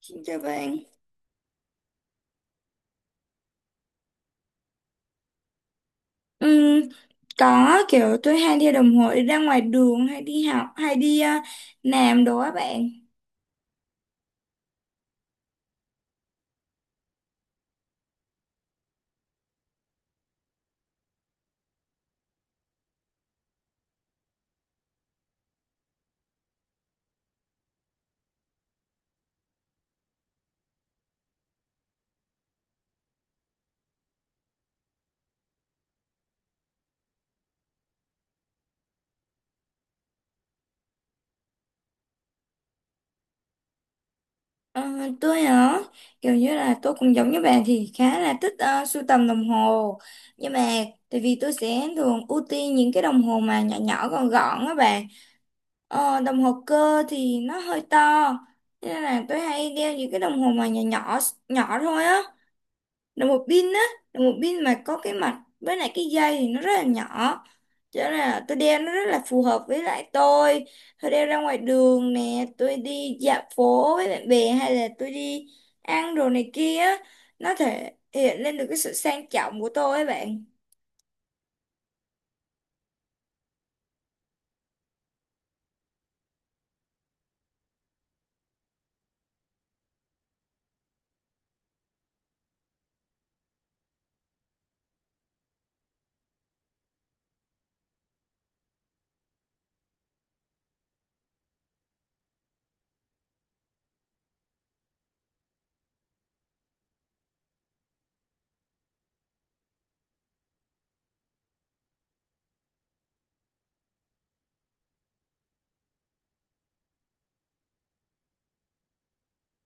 Xin chào bạn. Ừm, có kiểu tôi hay đeo đồng hồ đi ra ngoài đường hay đi học hay đi làm đồ á bạn. Ờ, tôi hả? Kiểu như là tôi cũng giống như bạn thì khá là thích sưu tầm đồng hồ, nhưng mà tại vì tôi sẽ thường ưu tiên những cái đồng hồ mà nhỏ nhỏ gọn gọn á bạn. Đồng hồ cơ thì nó hơi to, cho nên là tôi hay đeo những cái đồng hồ mà nhỏ nhỏ nhỏ thôi á, đồng hồ pin á. Đồng hồ pin mà có cái mặt với lại cái dây thì nó rất là nhỏ, cho nên là tôi đeo nó rất là phù hợp với lại tôi. Tôi đeo ra ngoài đường nè, tôi đi dạo phố với bạn bè hay là tôi đi ăn đồ này kia á, nó thể hiện lên được cái sự sang trọng của tôi ấy bạn.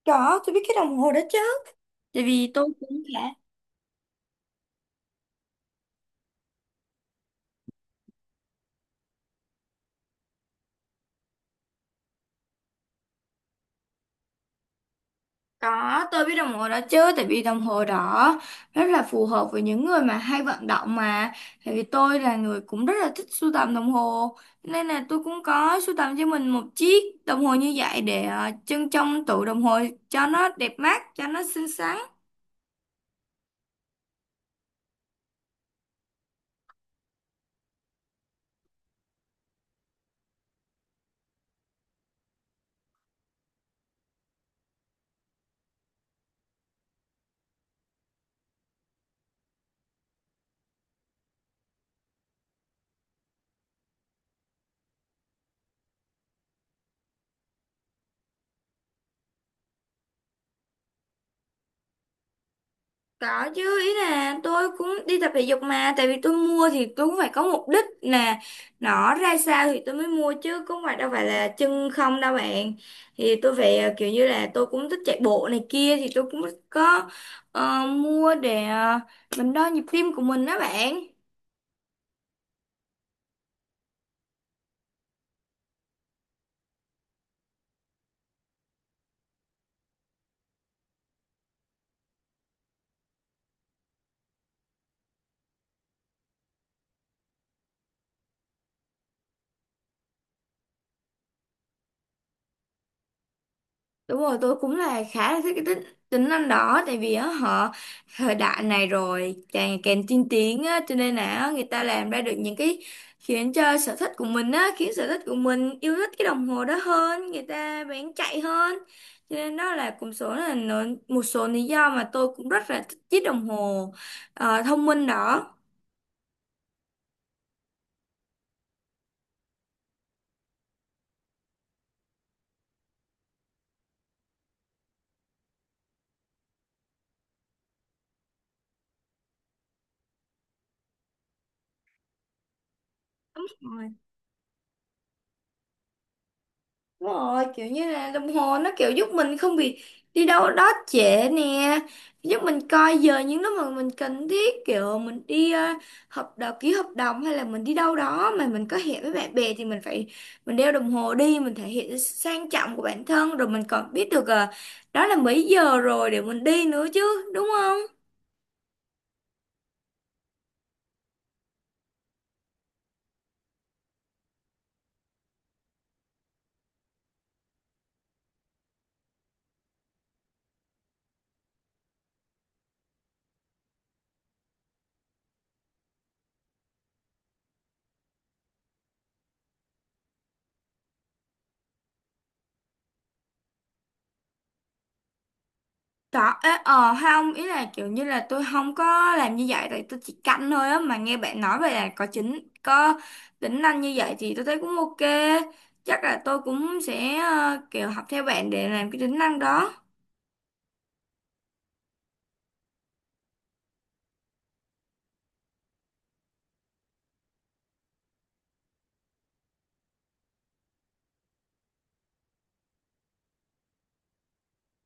Có, tôi biết cái đồng hồ đó chứ, tại vì tôi cũng khá. Có, tôi biết đồng hồ đó chứ, tại vì đồng hồ đó rất là phù hợp với những người mà hay vận động mà. Tại vì tôi là người cũng rất là thích sưu tầm đồng hồ, nên là tôi cũng có sưu tầm cho mình một chiếc đồng hồ như vậy để trưng trong tủ đồng hồ cho nó đẹp mắt, cho nó xinh xắn. Có chứ, ý là tôi cũng đi tập thể dục mà. Tại vì tôi mua thì tôi cũng phải có mục đích nè. Nó ra sao thì tôi mới mua chứ, cũng phải đâu phải là chân không đâu bạn. Thì tôi phải kiểu như là tôi cũng thích chạy bộ này kia. Thì tôi cũng có mua để mình đo nhịp tim của mình đó bạn. Đúng rồi, tôi cũng là khá là thích cái tính năng đó, tại vì á, họ thời đại này rồi càng càng tiên tiến á, cho nên là á, người ta làm ra được những cái khiến cho sở thích của mình á, khiến sở thích của mình yêu thích cái đồng hồ đó hơn, người ta bán chạy hơn. Cho nên đó là cũng một số lý do mà tôi cũng rất là thích chiếc đồng hồ thông minh đó. Đúng rồi, kiểu như là đồng hồ nó kiểu giúp mình không bị đi đâu đó trễ nè, giúp mình coi giờ những lúc mà mình cần thiết, kiểu mình đi hợp đồng, ký hợp đồng hay là mình đi đâu đó mà mình có hẹn với bạn bè thì mình phải mình đeo đồng hồ đi, mình thể hiện sự sang trọng của bản thân rồi mình còn biết được đó là mấy giờ rồi để mình đi nữa chứ, đúng không? Đó, ế, ờ hay không, ý là kiểu như là tôi không có làm như vậy, tại tôi chỉ canh thôi á, mà nghe bạn nói vậy là có có tính năng như vậy thì tôi thấy cũng ok. Chắc là tôi cũng sẽ kiểu học theo bạn để làm cái tính năng đó.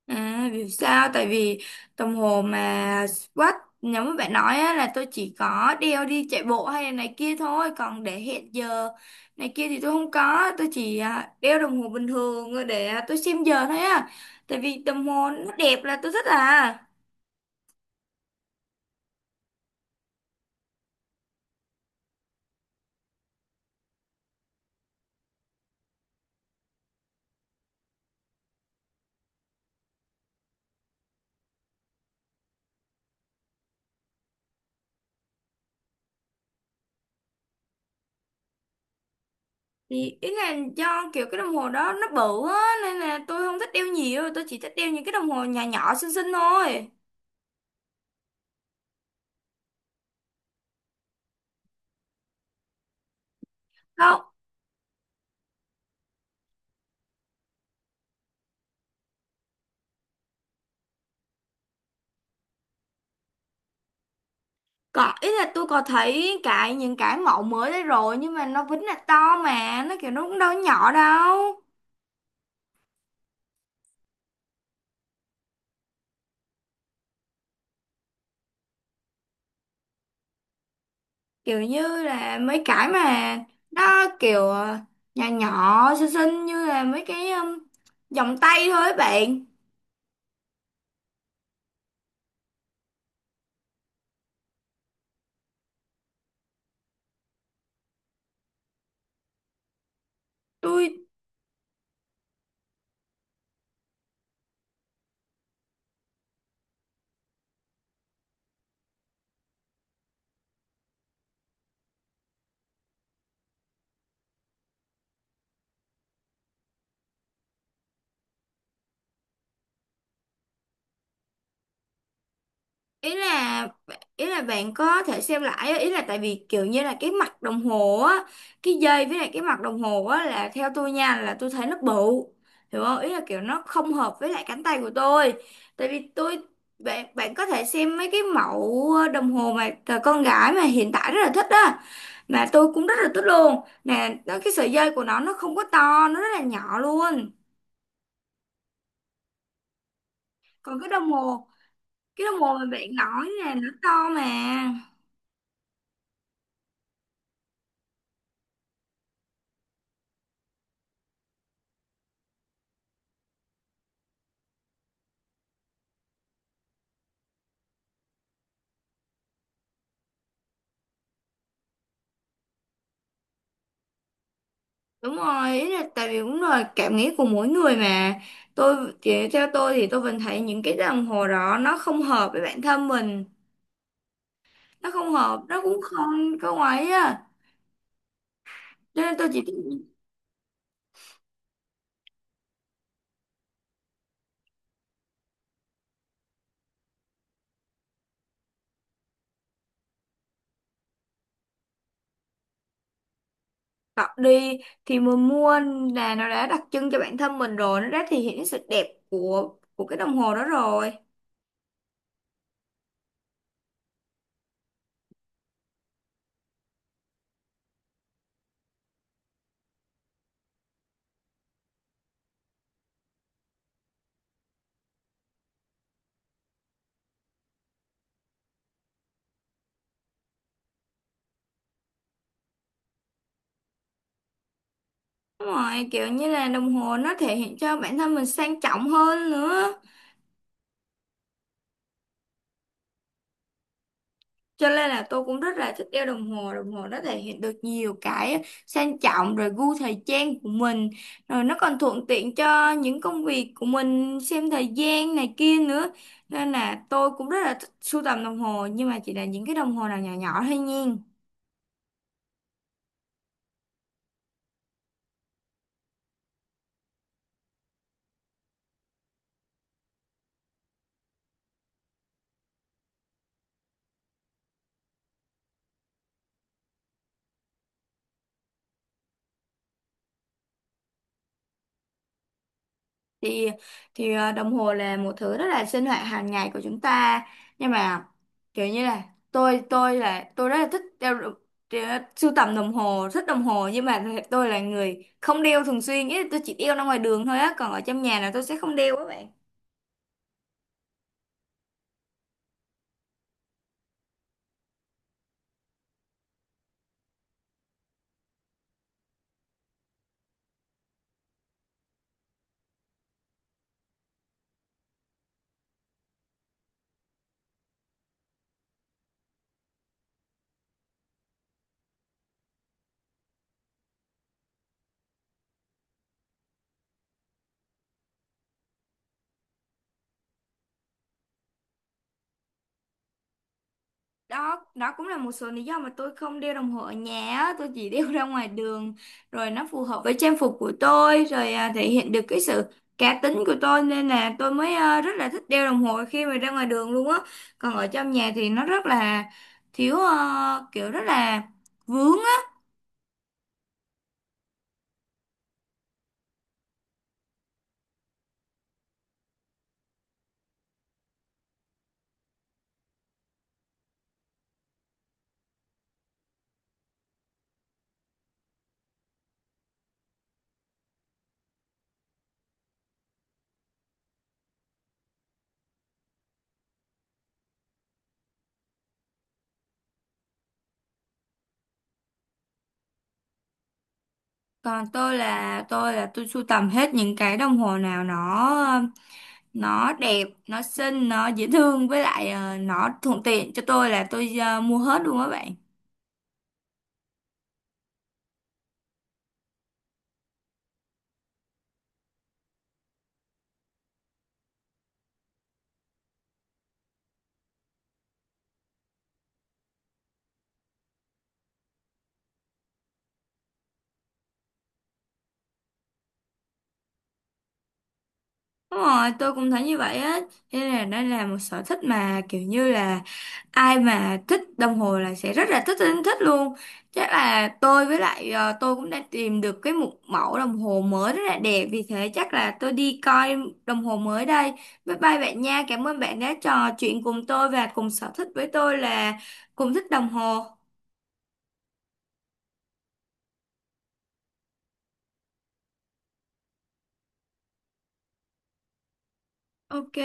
À, vì sao? Tại vì đồng hồ mà watch giống như bạn nói á, là tôi chỉ có đeo đi chạy bộ hay là này kia thôi, còn để hẹn giờ này kia thì tôi không có, tôi chỉ đeo đồng hồ bình thường để tôi xem giờ thôi á, tại vì đồng hồ nó đẹp là tôi thích à. Thì ý là do kiểu cái đồng hồ đó nó bự á, nên là tôi không thích đeo, nhiều tôi chỉ thích đeo những cái đồng hồ nhỏ nhỏ xinh xinh thôi. Có, ý là tôi có thấy cái những cái mẫu mới đấy rồi nhưng mà nó vẫn là to mà, nó kiểu nó cũng đâu có nhỏ đâu. Kiểu như là mấy cái mà nó kiểu nhỏ nhỏ xinh xinh như là mấy cái vòng tay thôi ấy bạn. tôi Ý là ý là bạn có thể xem lại á, ý là tại vì kiểu như là cái mặt đồng hồ á, cái dây với lại cái mặt đồng hồ á là theo tôi nha, là tôi thấy nó bự, hiểu không? Ý là kiểu nó không hợp với lại cánh tay của tôi. Tại vì tôi bạn bạn có thể xem mấy cái mẫu đồng hồ mà cờ con gái mà hiện tại rất là thích á, mà tôi cũng rất là thích luôn nè. Cái sợi dây của nó không có to, nó rất là nhỏ luôn. Còn cái đồng hồ mà bạn nói nè nó to mà. Đúng rồi, ý là tại vì cũng là cảm nghĩ của mỗi người mà. Tôi chỉ theo tôi thì tôi vẫn thấy những cái đồng hồ đó nó không hợp với bản thân mình, nó không hợp, nó cũng không có ngoái á. Cho nên tôi chỉ tập đi thì mình mua là nó đã đặc trưng cho bản thân mình rồi, nó đã thể hiện sự đẹp của cái đồng hồ đó rồi. Đúng rồi, kiểu như là đồng hồ nó thể hiện cho bản thân mình sang trọng hơn nữa. Cho nên là tôi cũng rất là thích đeo đồng hồ, đồng hồ nó thể hiện được nhiều cái sang trọng rồi gu thời trang của mình, rồi nó còn thuận tiện cho những công việc của mình xem thời gian này kia nữa, nên là tôi cũng rất là thích sưu tầm đồng hồ nhưng mà chỉ là những cái đồng hồ nào nhỏ nhỏ thôi nha. thì Đồng hồ là một thứ rất là sinh hoạt hàng ngày của chúng ta, nhưng mà kiểu như là tôi là tôi rất là thích sưu tầm đồng hồ, thích đồng hồ, nhưng mà tôi là người không đeo thường xuyên, ý là tôi chỉ đeo ra ngoài đường thôi á, còn ở trong nhà là tôi sẽ không đeo các bạn. Đó đó cũng là một số lý do mà tôi không đeo đồng hồ ở nhà á. Tôi chỉ đeo ra ngoài đường rồi nó phù hợp với trang phục của tôi rồi thể hiện được cái sự cá tính của tôi, nên là tôi mới rất là thích đeo đồng hồ khi mà ra ngoài đường luôn á. Còn ở trong nhà thì nó rất là thiếu kiểu rất là vướng á. Còn tôi là tôi sưu tầm hết những cái đồng hồ nào nó nó đẹp, nó xinh, nó dễ thương với lại nó thuận tiện cho tôi là tôi mua hết luôn á bạn. Đúng rồi, tôi cũng thấy như vậy á. Thế là đây là một sở thích mà kiểu như là ai mà thích đồng hồ là sẽ rất là thích thích, thích luôn. Chắc là tôi với lại tôi cũng đã tìm được cái một mẫu đồng hồ mới rất là đẹp. Vì thế chắc là tôi đi coi đồng hồ mới đây. Bye bye bạn nha. Cảm ơn bạn đã trò chuyện cùng tôi và cùng sở thích với tôi là cùng thích đồng hồ. Ok.